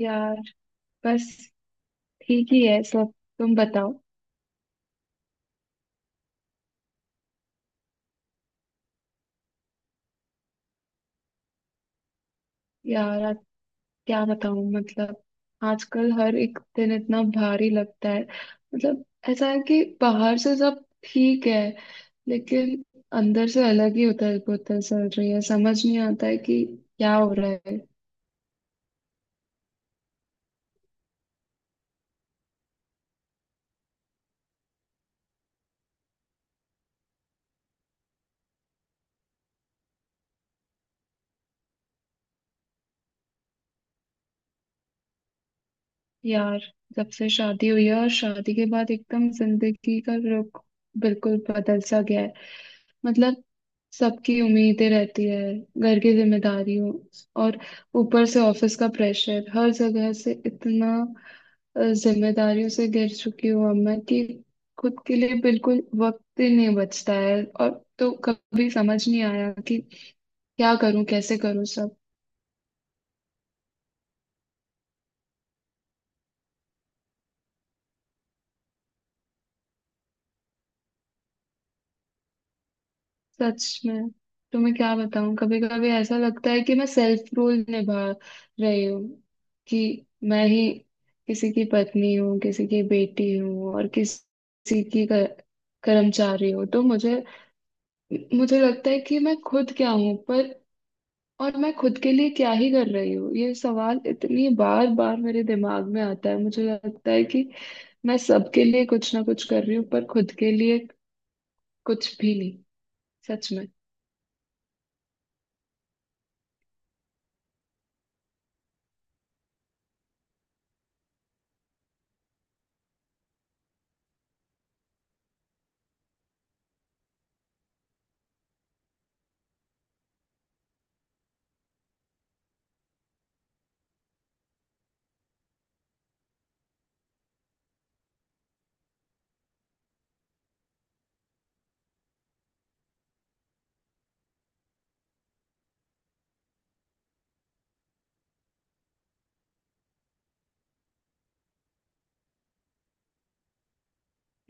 यार। बस ठीक ही है सब। तुम बताओ। यार आज क्या बताऊं मतलब आजकल हर एक दिन इतना भारी लगता है। मतलब ऐसा है कि बाहर से सब ठीक है, लेकिन अंदर से अलग ही उथल पुथल चल रही है, समझ नहीं आता है कि क्या हो रहा है। यार जब से शादी हुई है और शादी के बाद एकदम जिंदगी का रुख बिल्कुल बदल सा गया है। मतलब सबकी उम्मीदें रहती है, घर की जिम्मेदारियों और ऊपर से ऑफिस का प्रेशर, हर जगह से इतना जिम्मेदारियों से घिर चुकी हूँ अब मैं कि खुद के लिए बिल्कुल वक्त ही नहीं बचता है। और तो कभी समझ नहीं आया कि क्या करूं कैसे करूं सब। सच में। तो मैं क्या बताऊं, कभी कभी ऐसा लगता है कि मैं सेल्फ रोल निभा रही हूँ कि मैं ही किसी की पत्नी हूँ, किसी की बेटी हूँ और किसी की कर्मचारी हूँ। तो मुझे मुझे लगता है कि मैं खुद क्या हूँ, पर और मैं खुद के लिए क्या ही कर रही हूँ। ये सवाल इतनी बार बार मेरे दिमाग में आता है, मुझे लगता है कि मैं सबके लिए कुछ ना कुछ कर रही हूँ पर खुद के लिए कुछ भी नहीं। सच में।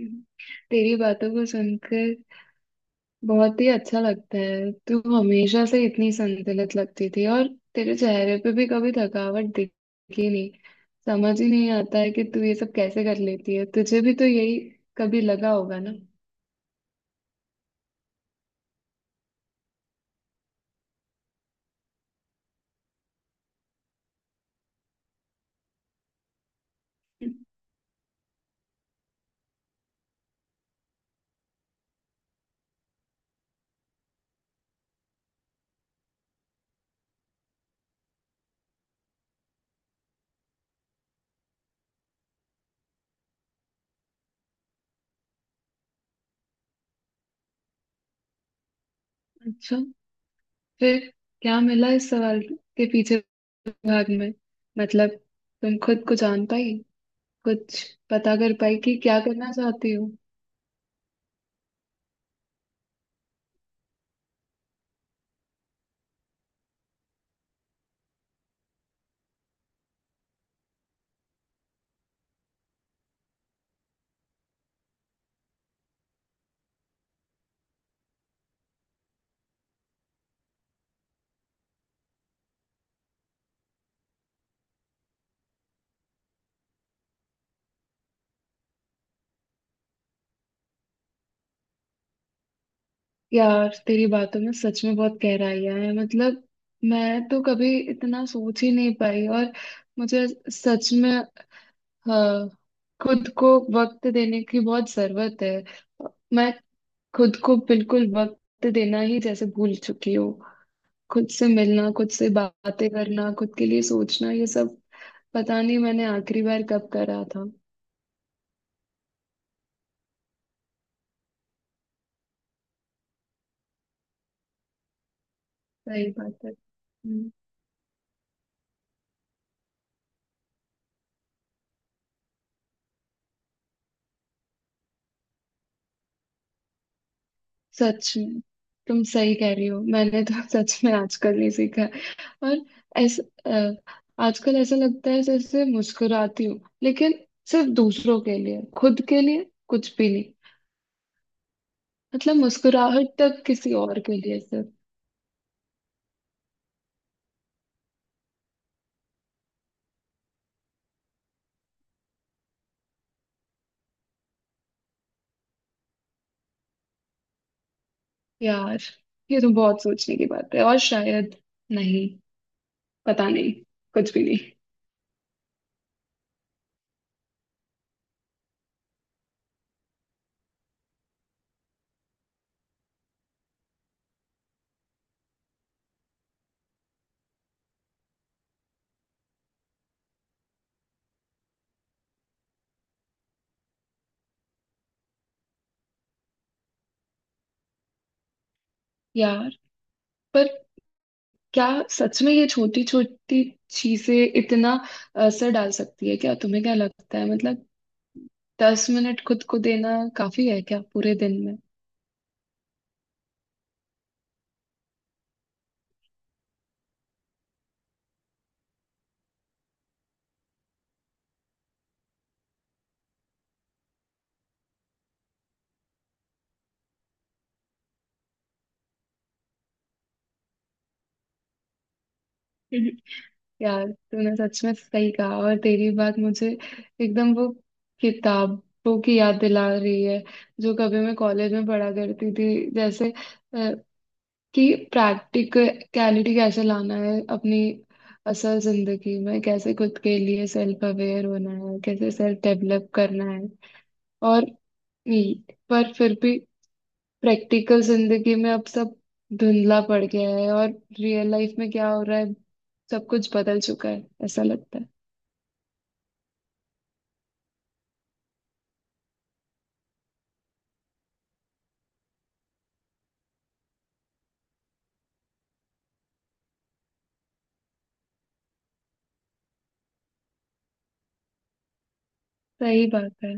हम्म। तेरी बातों को सुनकर बहुत ही अच्छा लगता है। तू हमेशा से इतनी संतुलित लगती थी और तेरे चेहरे पे भी कभी थकावट दिखी नहीं। समझ ही नहीं आता है कि तू ये सब कैसे कर लेती है। तुझे भी तो यही कभी लगा होगा ना। अच्छा। फिर क्या मिला इस सवाल के पीछे भाग में, मतलब तुम खुद को जान पाई, कुछ पता कर पाई कि क्या करना चाहती हो। यार, तेरी बातों में सच में बहुत गहराइयां हैं। मतलब मैं तो कभी इतना सोच ही नहीं पाई। और मुझे, सच में, हाँ, खुद को वक्त देने की बहुत जरूरत है। मैं खुद को बिल्कुल वक्त देना ही जैसे भूल चुकी हूँ। खुद से मिलना, खुद से बातें करना, खुद के लिए सोचना, ये सब पता नहीं मैंने आखिरी बार कब करा था। सही बात है। हम्म। सच में तुम सही कह रही हो। मैंने तो सच में आजकल नहीं सीखा है। और ऐसा अ, आजकल ऐसा लगता है जैसे मुस्कुराती हूँ, लेकिन सिर्फ दूसरों के लिए, खुद के लिए कुछ भी नहीं। मतलब मुस्कुराहट तक किसी और के लिए सिर्फ। यार, ये तो बहुत सोचने की बात है और शायद नहीं, पता नहीं, कुछ भी नहीं। यार, पर क्या सच में ये छोटी छोटी चीजें इतना असर डाल सकती है क्या? तुम्हें क्या लगता है, मतलब 10 मिनट खुद को देना काफी है क्या पूरे दिन में? यार तूने सच में सही कहा और तेरी बात मुझे एकदम वो किताबों की याद दिला रही है जो कभी मैं कॉलेज में पढ़ा करती थी। जैसे अ, कि प्रैक्टिकलिटी कैसे लाना है अपनी असल जिंदगी में, कैसे खुद के लिए सेल्फ अवेयर होना है, कैसे सेल्फ डेवलप करना है। और पर फिर भी प्रैक्टिकल जिंदगी में अब सब धुंधला पड़ गया है और रियल लाइफ में क्या हो रहा है, सब कुछ बदल चुका है ऐसा लगता है। सही बात है।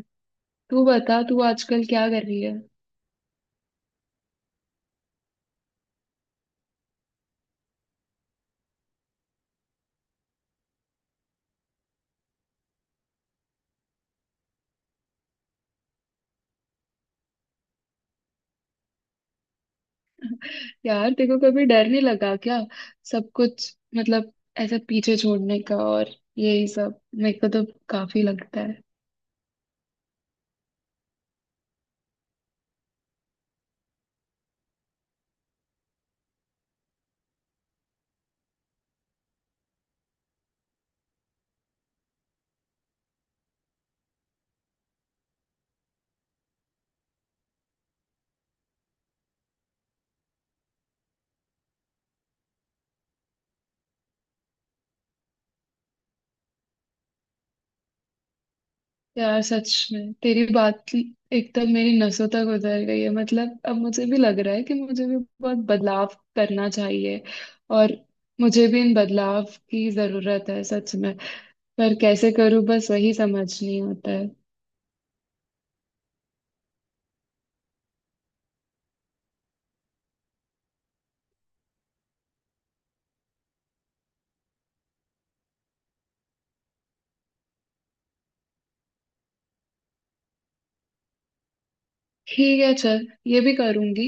तू बता, तू आजकल क्या कर रही है? यार तेरे को कभी डर नहीं लगा क्या सब कुछ मतलब ऐसे पीछे छोड़ने का? और यही सब मेरे को तो काफी लगता है। यार सच में तेरी एकदम मेरी नसों तक उतर गई है। मतलब अब मुझे भी लग रहा है कि मुझे भी बहुत बदलाव करना चाहिए। और मुझे भी इन बदलाव की जरूरत है सच में। पर कैसे करूं बस वही समझ नहीं आता है। ठीक है, चल ये भी करूंगी।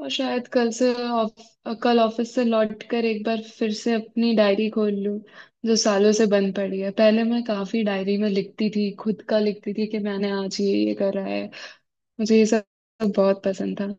और शायद कल से कल ऑफिस से लौट कर एक बार फिर से अपनी डायरी खोल लूं जो सालों से बंद पड़ी है। पहले मैं काफी डायरी में लिखती थी, खुद का लिखती थी कि मैंने आज ये करा है। मुझे ये सब सब बहुत पसंद था।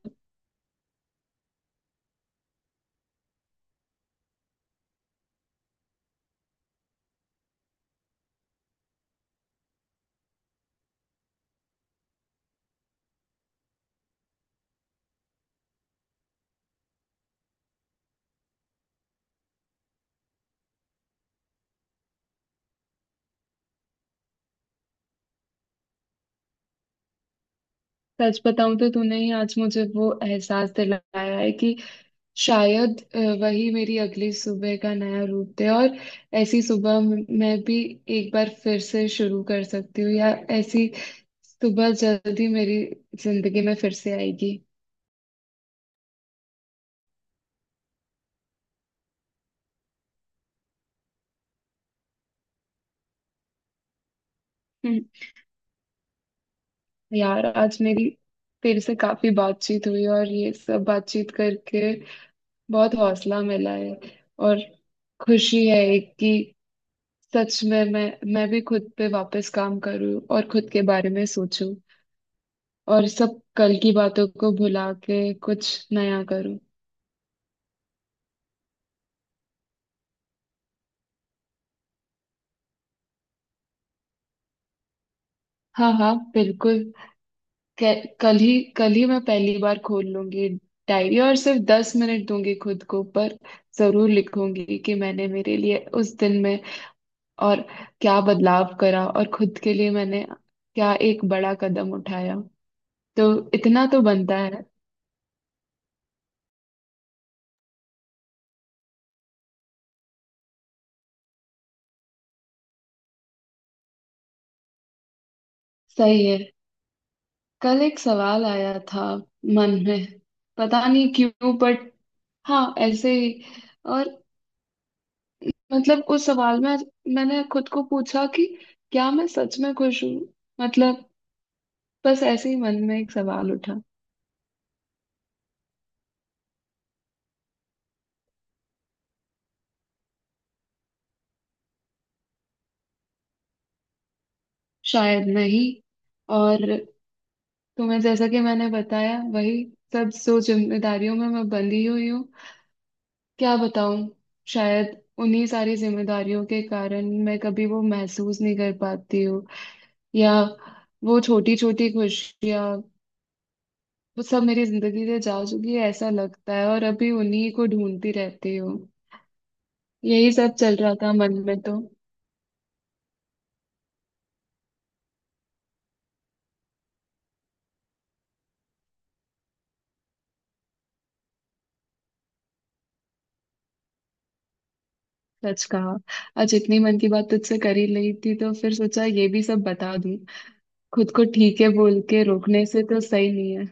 सच बताऊं तो तूने ही आज मुझे वो एहसास दिलाया है कि शायद वही मेरी अगली सुबह का नया रूप है। और ऐसी सुबह मैं भी एक बार फिर से शुरू कर सकती हूँ, या ऐसी सुबह जल्दी मेरी जिंदगी में फिर से आएगी। हम्म, यार आज मेरी तेरे से काफी बातचीत हुई और ये सब बातचीत करके बहुत हौसला मिला है। और खुशी है एक कि सच में मैं भी खुद पे वापस काम करूं और खुद के बारे में सोचूं और सब कल की बातों को भुला के कुछ नया करूं। हाँ हाँ बिल्कुल। कल ही मैं पहली बार खोल लूंगी डायरी और सिर्फ 10 मिनट दूंगी खुद को। पर जरूर लिखूंगी कि मैंने मेरे लिए उस दिन में और क्या बदलाव करा और खुद के लिए मैंने क्या एक बड़ा कदम उठाया। तो इतना तो बनता है। सही है। कल एक सवाल आया था मन में, पता नहीं क्यों, बट हाँ ऐसे ही। और मतलब उस सवाल में मैंने खुद को पूछा कि क्या मैं सच में खुश हूँ। मतलब बस ऐसे ही मन में एक सवाल उठा। शायद नहीं। और तुम्हें जैसा कि मैंने बताया, वही सब जो जिम्मेदारियों में मैं बंधी हुई हूँ, क्या बताऊँ, शायद उन्हीं सारी जिम्मेदारियों के कारण मैं कभी वो महसूस नहीं कर पाती हूँ। या वो छोटी छोटी खुशियाँ, वो सब मेरी जिंदगी से जा चुकी है ऐसा लगता है और अभी उन्हीं को ढूंढती रहती हूँ। यही सब चल रहा था मन में तो। सच कहा। आज इतनी मन की बात तुझसे कर ही ली थी तो फिर सोचा ये भी सब बता दूं। खुद को ठीक है बोल के रोकने से तो सही नहीं है।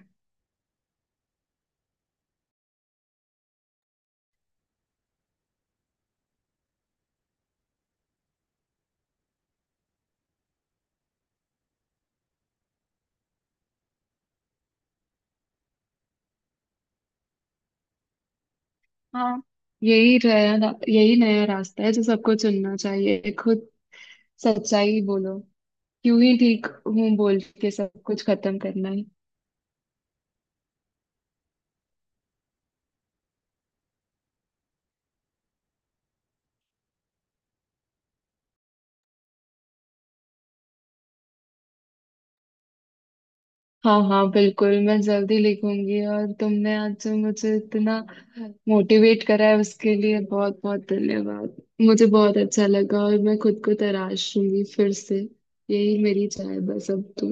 हाँ, यही रहा, यही नया रास्ता है जो सबको चुनना चाहिए। खुद सच्चाई बोलो। क्यों ही ठीक हूँ बोल के सब कुछ खत्म करना है। हाँ हाँ बिल्कुल। मैं जल्दी लिखूंगी। और तुमने आज जो मुझे इतना मोटिवेट करा है उसके लिए बहुत बहुत धन्यवाद, मुझे बहुत अच्छा लगा। और मैं खुद को तराशूंगी फिर से। यही मेरी चाह है बस अब तो।